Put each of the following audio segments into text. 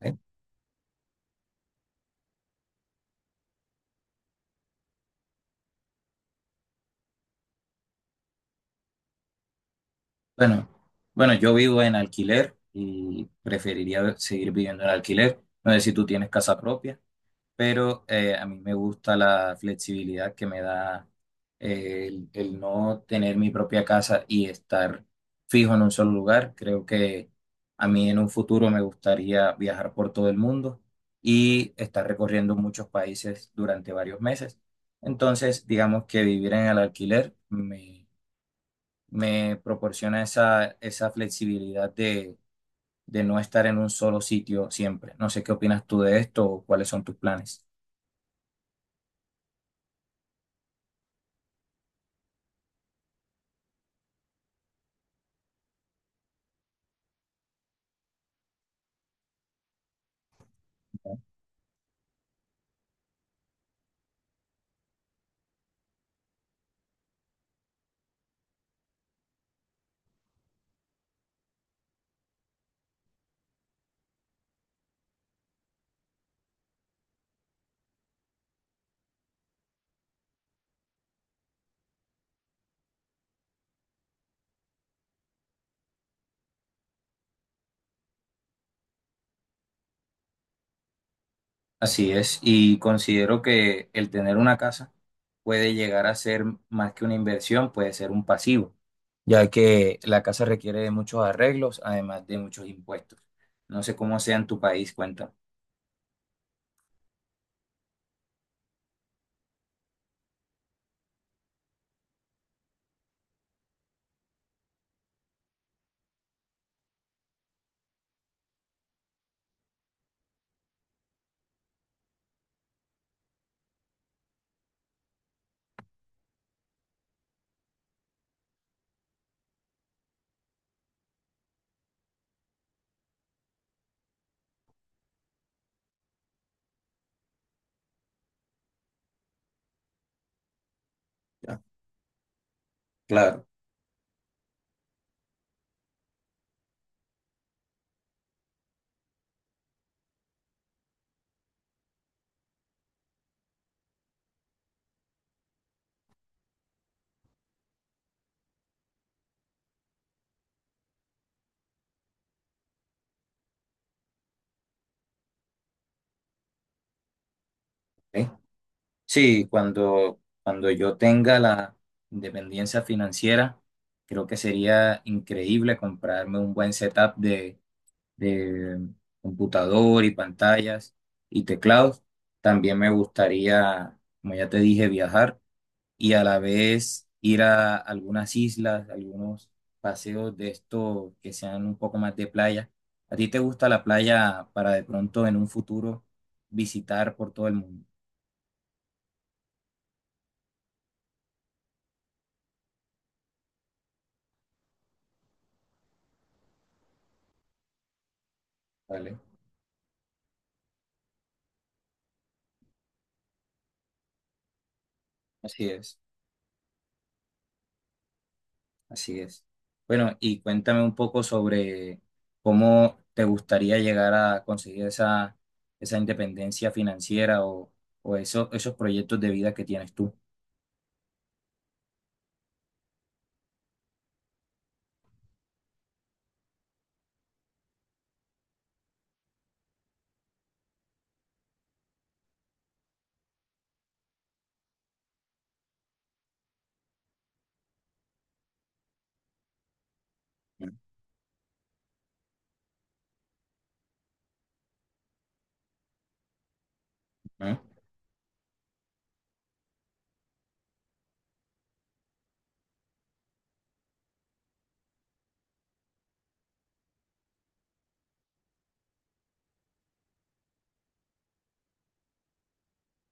Eh, Bueno, bueno, yo vivo en alquiler y preferiría seguir viviendo en alquiler. No sé si tú tienes casa propia, pero a mí me gusta la flexibilidad que me da el no tener mi propia casa y estar fijo en un solo lugar. Creo que a mí en un futuro me gustaría viajar por todo el mundo y estar recorriendo muchos países durante varios meses. Entonces, digamos que vivir en el alquiler me proporciona esa flexibilidad de no estar en un solo sitio siempre. No sé qué opinas tú de esto o cuáles son tus planes. Así es, y considero que el tener una casa puede llegar a ser más que una inversión, puede ser un pasivo, ya que la casa requiere de muchos arreglos, además de muchos impuestos. No sé cómo sea en tu país, cuenta. Ya, claro. ¿Ok? Sí, cuando yo tenga la independencia financiera, creo que sería increíble comprarme un buen setup de computador y pantallas y teclados. También me gustaría, como ya te dije, viajar y a la vez ir a algunas islas, algunos paseos de estos que sean un poco más de playa. ¿A ti te gusta la playa para de pronto en un futuro visitar por todo el mundo? ¿Vale? Así es. Así es. Bueno, y cuéntame un poco sobre cómo te gustaría llegar a conseguir esa independencia financiera o esos proyectos de vida que tienes tú. Ujú.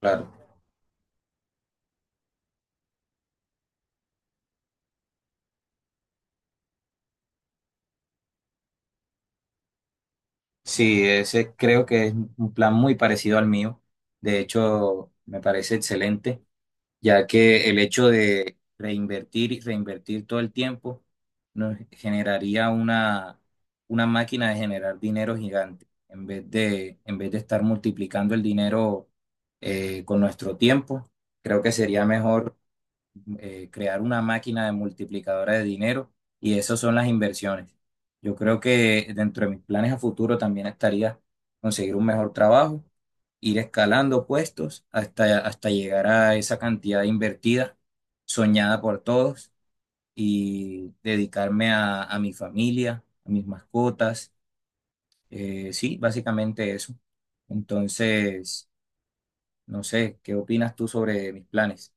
Claro. Sí, ese creo que es un plan muy parecido al mío. De hecho, me parece excelente, ya que el hecho de reinvertir y reinvertir todo el tiempo nos generaría una máquina de generar dinero gigante, en vez de estar multiplicando el dinero con nuestro tiempo. Creo que sería mejor crear una máquina de multiplicadora de dinero, y eso son las inversiones. Yo creo que dentro de mis planes a futuro también estaría conseguir un mejor trabajo, ir escalando puestos hasta llegar a esa cantidad invertida, soñada por todos, y dedicarme a mi familia, a mis mascotas. Sí, básicamente eso. Entonces, no sé, ¿qué opinas tú sobre mis planes?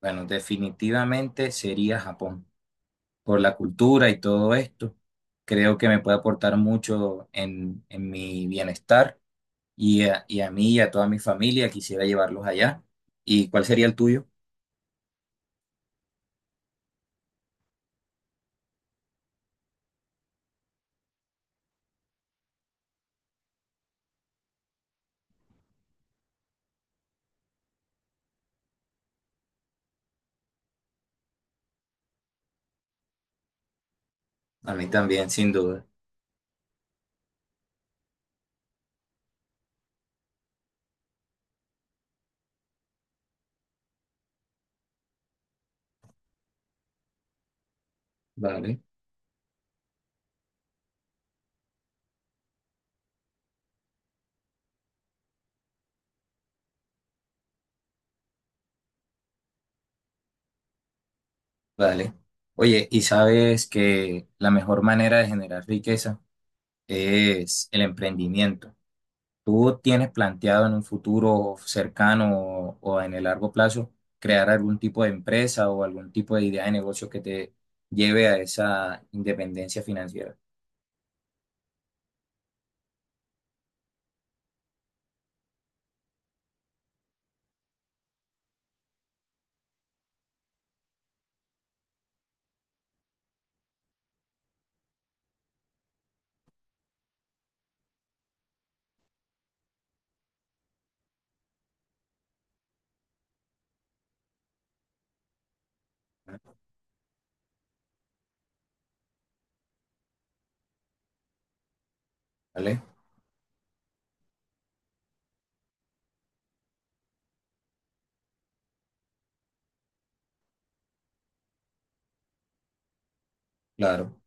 Bueno, definitivamente sería Japón, por la cultura y todo esto. Creo que me puede aportar mucho en mi bienestar y a mí y a toda mi familia. Quisiera llevarlos allá. ¿Y cuál sería el tuyo? A mí también, sin duda. Vale, vale. Oye, y sabes que la mejor manera de generar riqueza es el emprendimiento. ¿Tú tienes planteado en un futuro cercano o en el largo plazo crear algún tipo de empresa o algún tipo de idea de negocio que te lleve a esa independencia financiera? ¿Vale? Claro.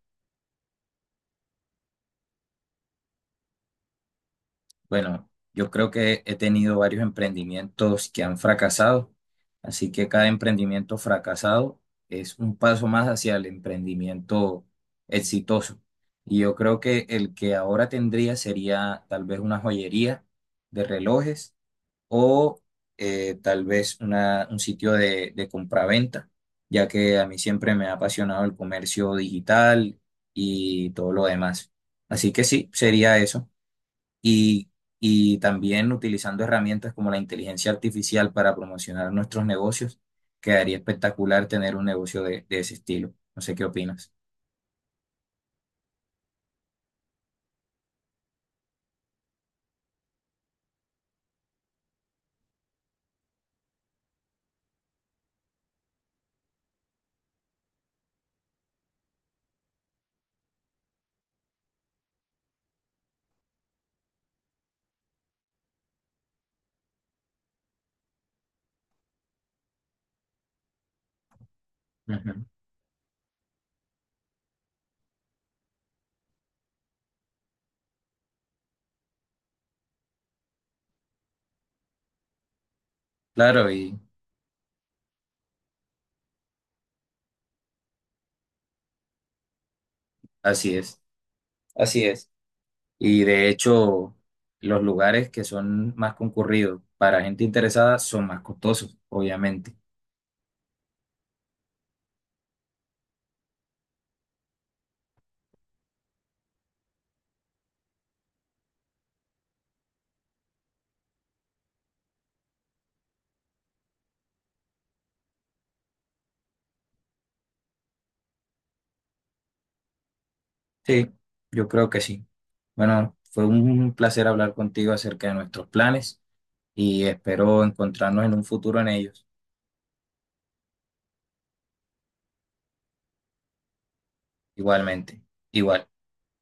Bueno, yo creo que he tenido varios emprendimientos que han fracasado, así que cada emprendimiento fracasado es un paso más hacia el emprendimiento exitoso. Y yo creo que el que ahora tendría sería tal vez una joyería de relojes o tal vez un sitio de compraventa, ya que a mí siempre me ha apasionado el comercio digital y todo lo demás. Así que sí, sería eso. Y, y también utilizando herramientas como la inteligencia artificial para promocionar nuestros negocios, quedaría espectacular tener un negocio de ese estilo. No sé qué opinas. Ujú. Claro, y así es. Así es. Y de hecho, los lugares que son más concurridos para gente interesada son más costosos, obviamente. Sí, yo creo que sí. Bueno, fue un placer hablar contigo acerca de nuestros planes y espero encontrarnos en un futuro en ellos. Igualmente, igual.